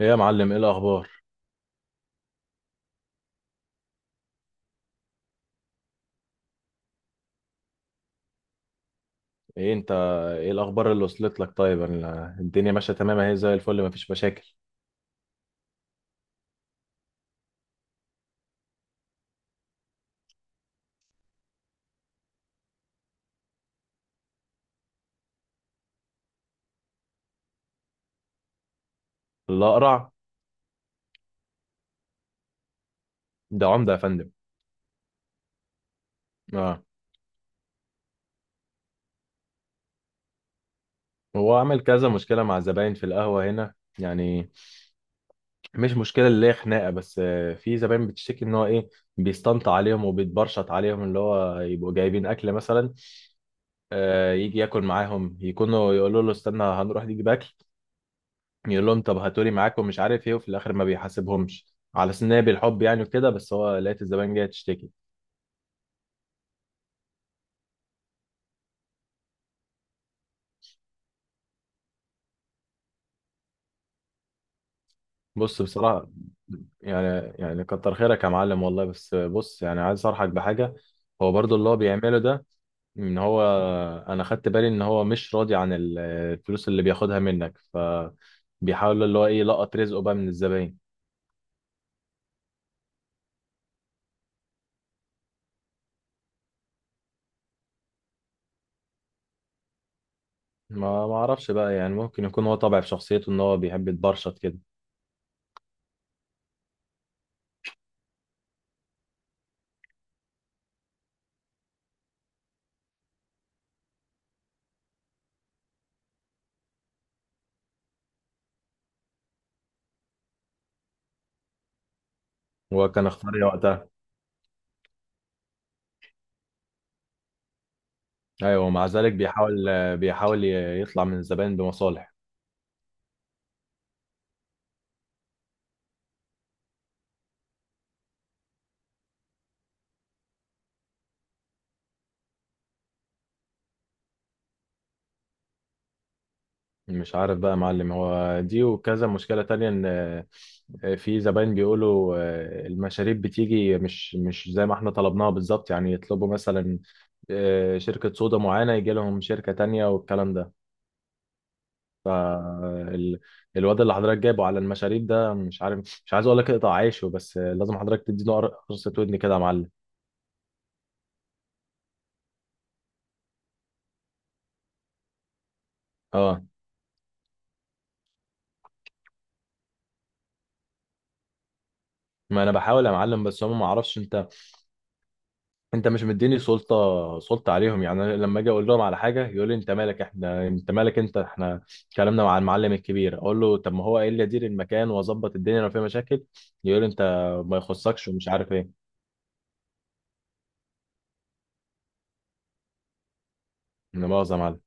ايه يا معلم، ايه الاخبار؟ ايه انت؟ ايه الاخبار اللي وصلت لك؟ طيب الدنيا ماشيه تمام اهي زي الفل، مفيش مشاكل. الاقرع ده عمده يا فندم. اه، هو عمل كذا مشكله مع الزباين في القهوه هنا. يعني مش مشكله اللي هي خناقه، بس في زباين بتشتكي ان هو ايه، بيستنطع عليهم وبيتبرشط عليهم. اللي هو يبقوا جايبين اكل مثلا، يجي ياكل معاهم، يكونوا يقولوا له استنى هنروح نجيب اكل، يقول لهم طب هاتولي معاكم مش عارف ايه، وفي الاخر ما بيحاسبهمش. على سناب بالحب يعني وكده، بس هو لقيت الزبائن جايه تشتكي. بص بصراحة، يعني كتر خيرك يا معلم والله، بس بص يعني عايز أصرحك بحاجة. هو برضو اللي هو بيعمله ده، إن هو، أنا خدت بالي إن هو مش راضي عن الفلوس اللي بياخدها منك، فبيحاول اللي هو إيه، يلقط رزقه بقى من الزباين. ما أعرفش بقى يعني، ممكن يكون هو طبع في شخصيته إن هو بيحب يتبرشط كده. هو كان اختاري وقتها. أيوه، ومع ذلك بيحاول يطلع من الزباين بمصالح. مش عارف بقى يا معلم، هو دي وكذا مشكلة تانية، ان في زباين بيقولوا المشاريب بتيجي مش زي ما احنا طلبناها بالظبط. يعني يطلبوا مثلا شركة صودا معينة، يجي لهم شركة تانية والكلام ده. آه، ال- الواد اللي حضرتك جايبه على المشاريب ده، مش عارف، مش عايز اقول لك اقطع عيشه، بس لازم حضرتك تديله قرصة ودن كده يا معلم. اه. ما انا بحاول يا معلم، بس هم ما اعرفش، انت انت مش مديني سلطه، سلطه عليهم. يعني أنا لما اجي اقول لهم على حاجه، يقول لي انت مالك، احنا انت مالك انت، احنا كلامنا مع المعلم الكبير. اقول له طب ما هو قايل لي ادير المكان واظبط الدنيا لو فيها مشاكل، يقول لي انت ما يخصكش ومش عارف ايه. لا مؤاخذه يا معلم.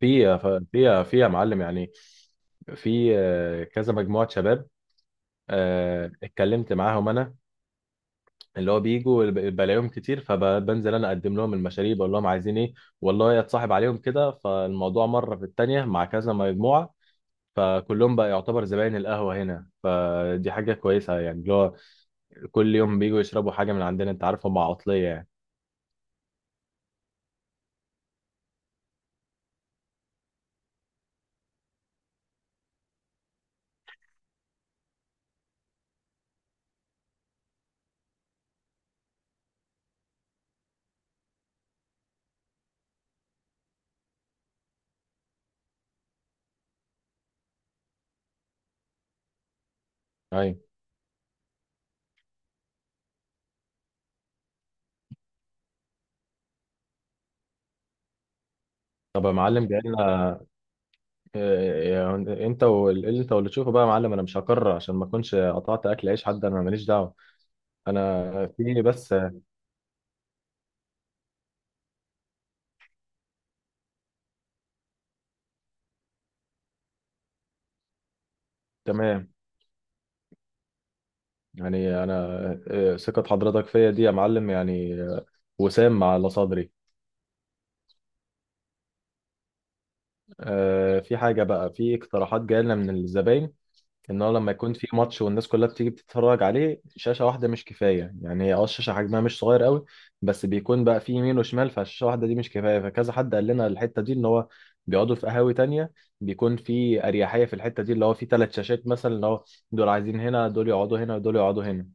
في يا معلم يعني، في كذا مجموعة شباب، اتكلمت معاهم انا، اللي هو بيجوا بلاقيهم كتير، فبنزل انا اقدم لهم المشاريب، اقول لهم عايزين ايه. والله اتصاحب عليهم كده، فالموضوع مرة في التانية مع كذا مجموعة، فكلهم بقى يعتبر زباين القهوة هنا، فدي حاجة كويسة، يعني اللي هو كل يوم بيجوا يشربوا حاجة من عندنا، انت عارف هم عطلية يعني. ايوه. طب يا معلم، جاي لنا يعني، انت واللي، انت واللي تشوفه بقى يا معلم. انا مش هكرر عشان ما اكونش قطعت اكل عيش حد، انا ماليش دعوة. انا. في بس. تمام. يعني انا ثقة حضرتك فيا دي يا معلم، يعني وسام على صدري. في حاجة بقى، في اقتراحات جاية لنا من الزباين، ان هو لما يكون في ماتش والناس كلها بتيجي بتتفرج عليه، شاشه واحده مش كفايه. يعني هي اه الشاشه حجمها مش صغير قوي، بس بيكون بقى في يمين وشمال، فالشاشه واحده دي مش كفايه. فكذا حد قال لنا الحته دي، ان هو بيقعدوا في قهاوي تانية، بيكون في اريحيه في الحته دي، اللي هو في 3 شاشات مثلا، اللي هو دول عايزين هنا، دول يقعدوا هنا، دول يقعدوا هنا.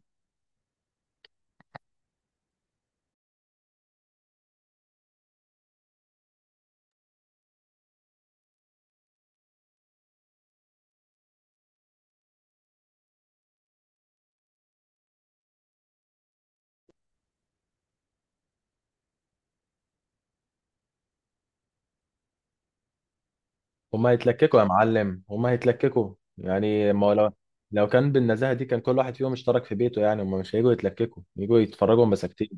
هما هيتلككوا يا معلم، هما هيتلككوا. يعني ما هو لو، لو كان بالنزاهه دي، كان كل واحد فيهم اشترك في بيته. يعني هما مش هيجوا يتلككوا، يجوا يتفرجوا مساكتين.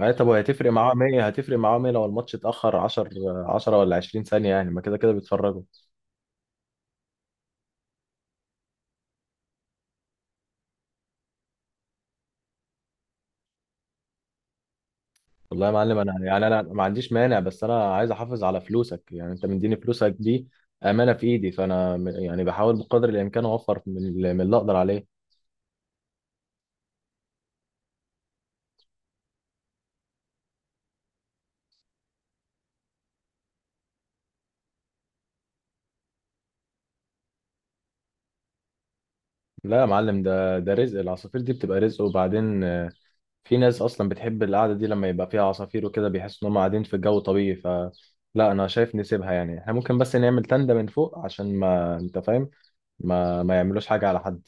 أي طب هتفرق معاه 100، هتفرق معاه 100 لو الماتش اتأخر 10، ولا 20 ثانية؟ يعني ما كده كده بيتفرجوا. والله يا معلم أنا يعني، أنا ما عنديش مانع، بس أنا عايز أحافظ على فلوسك. يعني أنت مديني فلوسك دي أمانة في إيدي، فأنا يعني بحاول بقدر الإمكان أوفر من من اللي أقدر عليه. لا يا معلم، ده رزق، العصافير دي بتبقى رزق، وبعدين في ناس اصلا بتحب القعده دي لما يبقى فيها عصافير وكده، بيحسوا ان هم قاعدين في جو طبيعي. ف، لا انا شايف نسيبها. يعني احنا ممكن بس نعمل تندة من فوق، عشان ما انت فاهم، ما يعملوش حاجه على حد.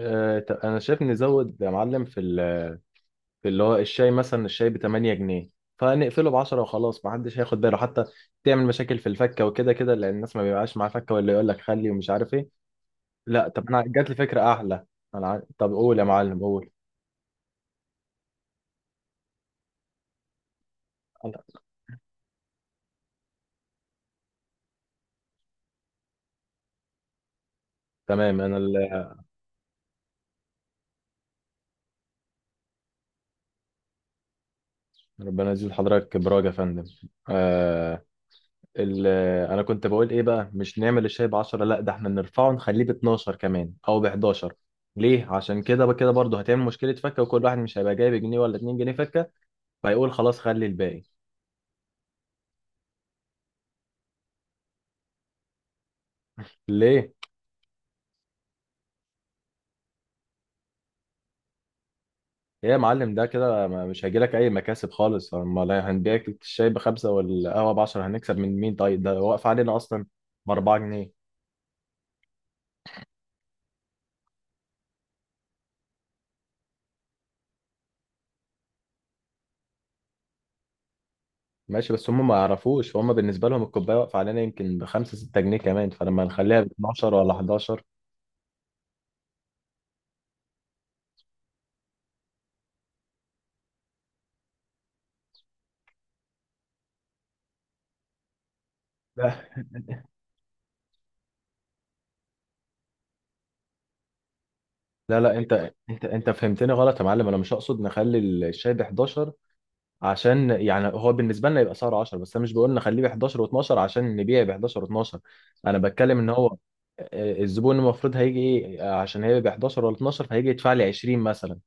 انا شايف نزود يا معلم في في اللي هو الشاي مثلا، الشاي ب 8 جنيه، فنقفله ب 10 وخلاص، ما حدش هياخد باله حتى. تعمل مشاكل في الفكه، وكده كده لان الناس ما بيبقاش معاها فكه، ولا يقول لك خلي ومش عارف ايه. لا طب انا جات لي فكره احلى، طب قول يا معلم، قول. أنا- تمام انا. ربنا يزيد حضرتك براج يا فندم. آه، ال- انا كنت بقول ايه بقى، مش نعمل الشاي ب 10، لا ده احنا نرفعه نخليه ب 12 كمان، او ب 11. ليه؟ عشان كده بقى كده برضه هتعمل مشكله فكه، وكل واحد مش هيبقى جايب جنيه ولا 2 جنيه فكه، فيقول خلاص خلي الباقي. ليه؟ ايه يا معلم، ده كده مش هيجيلك اي مكاسب خالص. امال هنبيعك الشاي بخمسه والقهوه ب 10، هنكسب من مين طيب؟ ده واقف علينا اصلا ب 4. ماشي، بس هم ما يعرفوش، هم بالنسبة لهم الكوباية واقفة علينا يمكن بخمسة ستة جنيه كمان، فلما نخليها ب 12 ولا 11. لا لا انت فهمتني غلط يا معلم. انا مش اقصد نخلي الشاي ب 11، عشان يعني هو بالنسبه لنا يبقى سعره 10، بس انا مش بقول نخليه ب 11 و12 عشان نبيع ب 11 و12. انا بتكلم ان هو الزبون المفروض هيجي ايه، عشان هي ب 11 ولا 12، فهيجي يدفع لي 20 مثلا،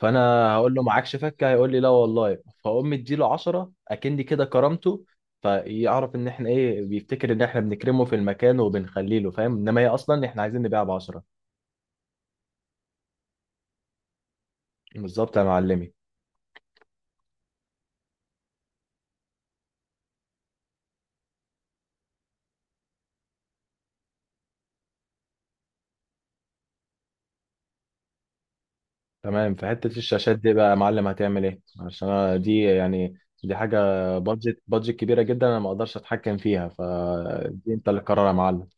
فانا هقول له معاكش فكه، هيقول لي لا والله، فاقوم مديله 10، اكني كده كرمته. فيعرف ان احنا ايه، بيفتكر ان احنا بنكرمه في المكان وبنخليه له فاهم، انما هي اصلا احنا عايزين نبيع ب 10. بالظبط يا معلمي. تمام، في حته الشاشات دي بقى يا معلم، هتعمل ايه؟ عشان أنا دي يعني، دي حاجه بادجت، بادجت كبيره جدا، انا ما اقدرش اتحكم فيها، فدي انت اللي قرر يا معلم.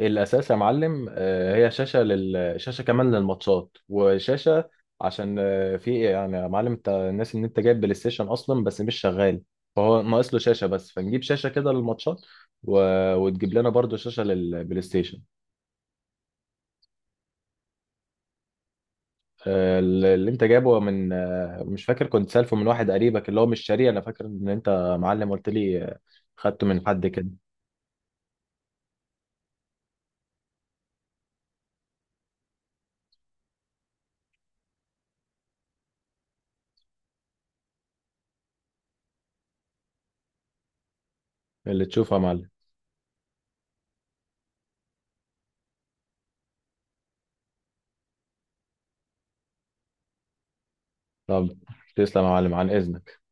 الاساس يا معلم هي شاشه لل، شاشه كمان للماتشات، وشاشه عشان في إيه يعني يا معلم. انت الناس ان انت جايب بلاي ستيشن اصلا بس مش شغال، فهو ناقص له شاشه بس. فنجيب شاشه كده للماتشات، و... وتجيب لنا برضو شاشه للبلاي ستيشن. اللي انت جايبه من، مش فاكر، كنت سالفه من واحد قريبك اللي هو مش شاريه. انا فاكر ان انت يا معلم قلت لي خدته من حد كده. اللي تشوفه يا معلم. طب تسلم يا معلم، عن اذنك.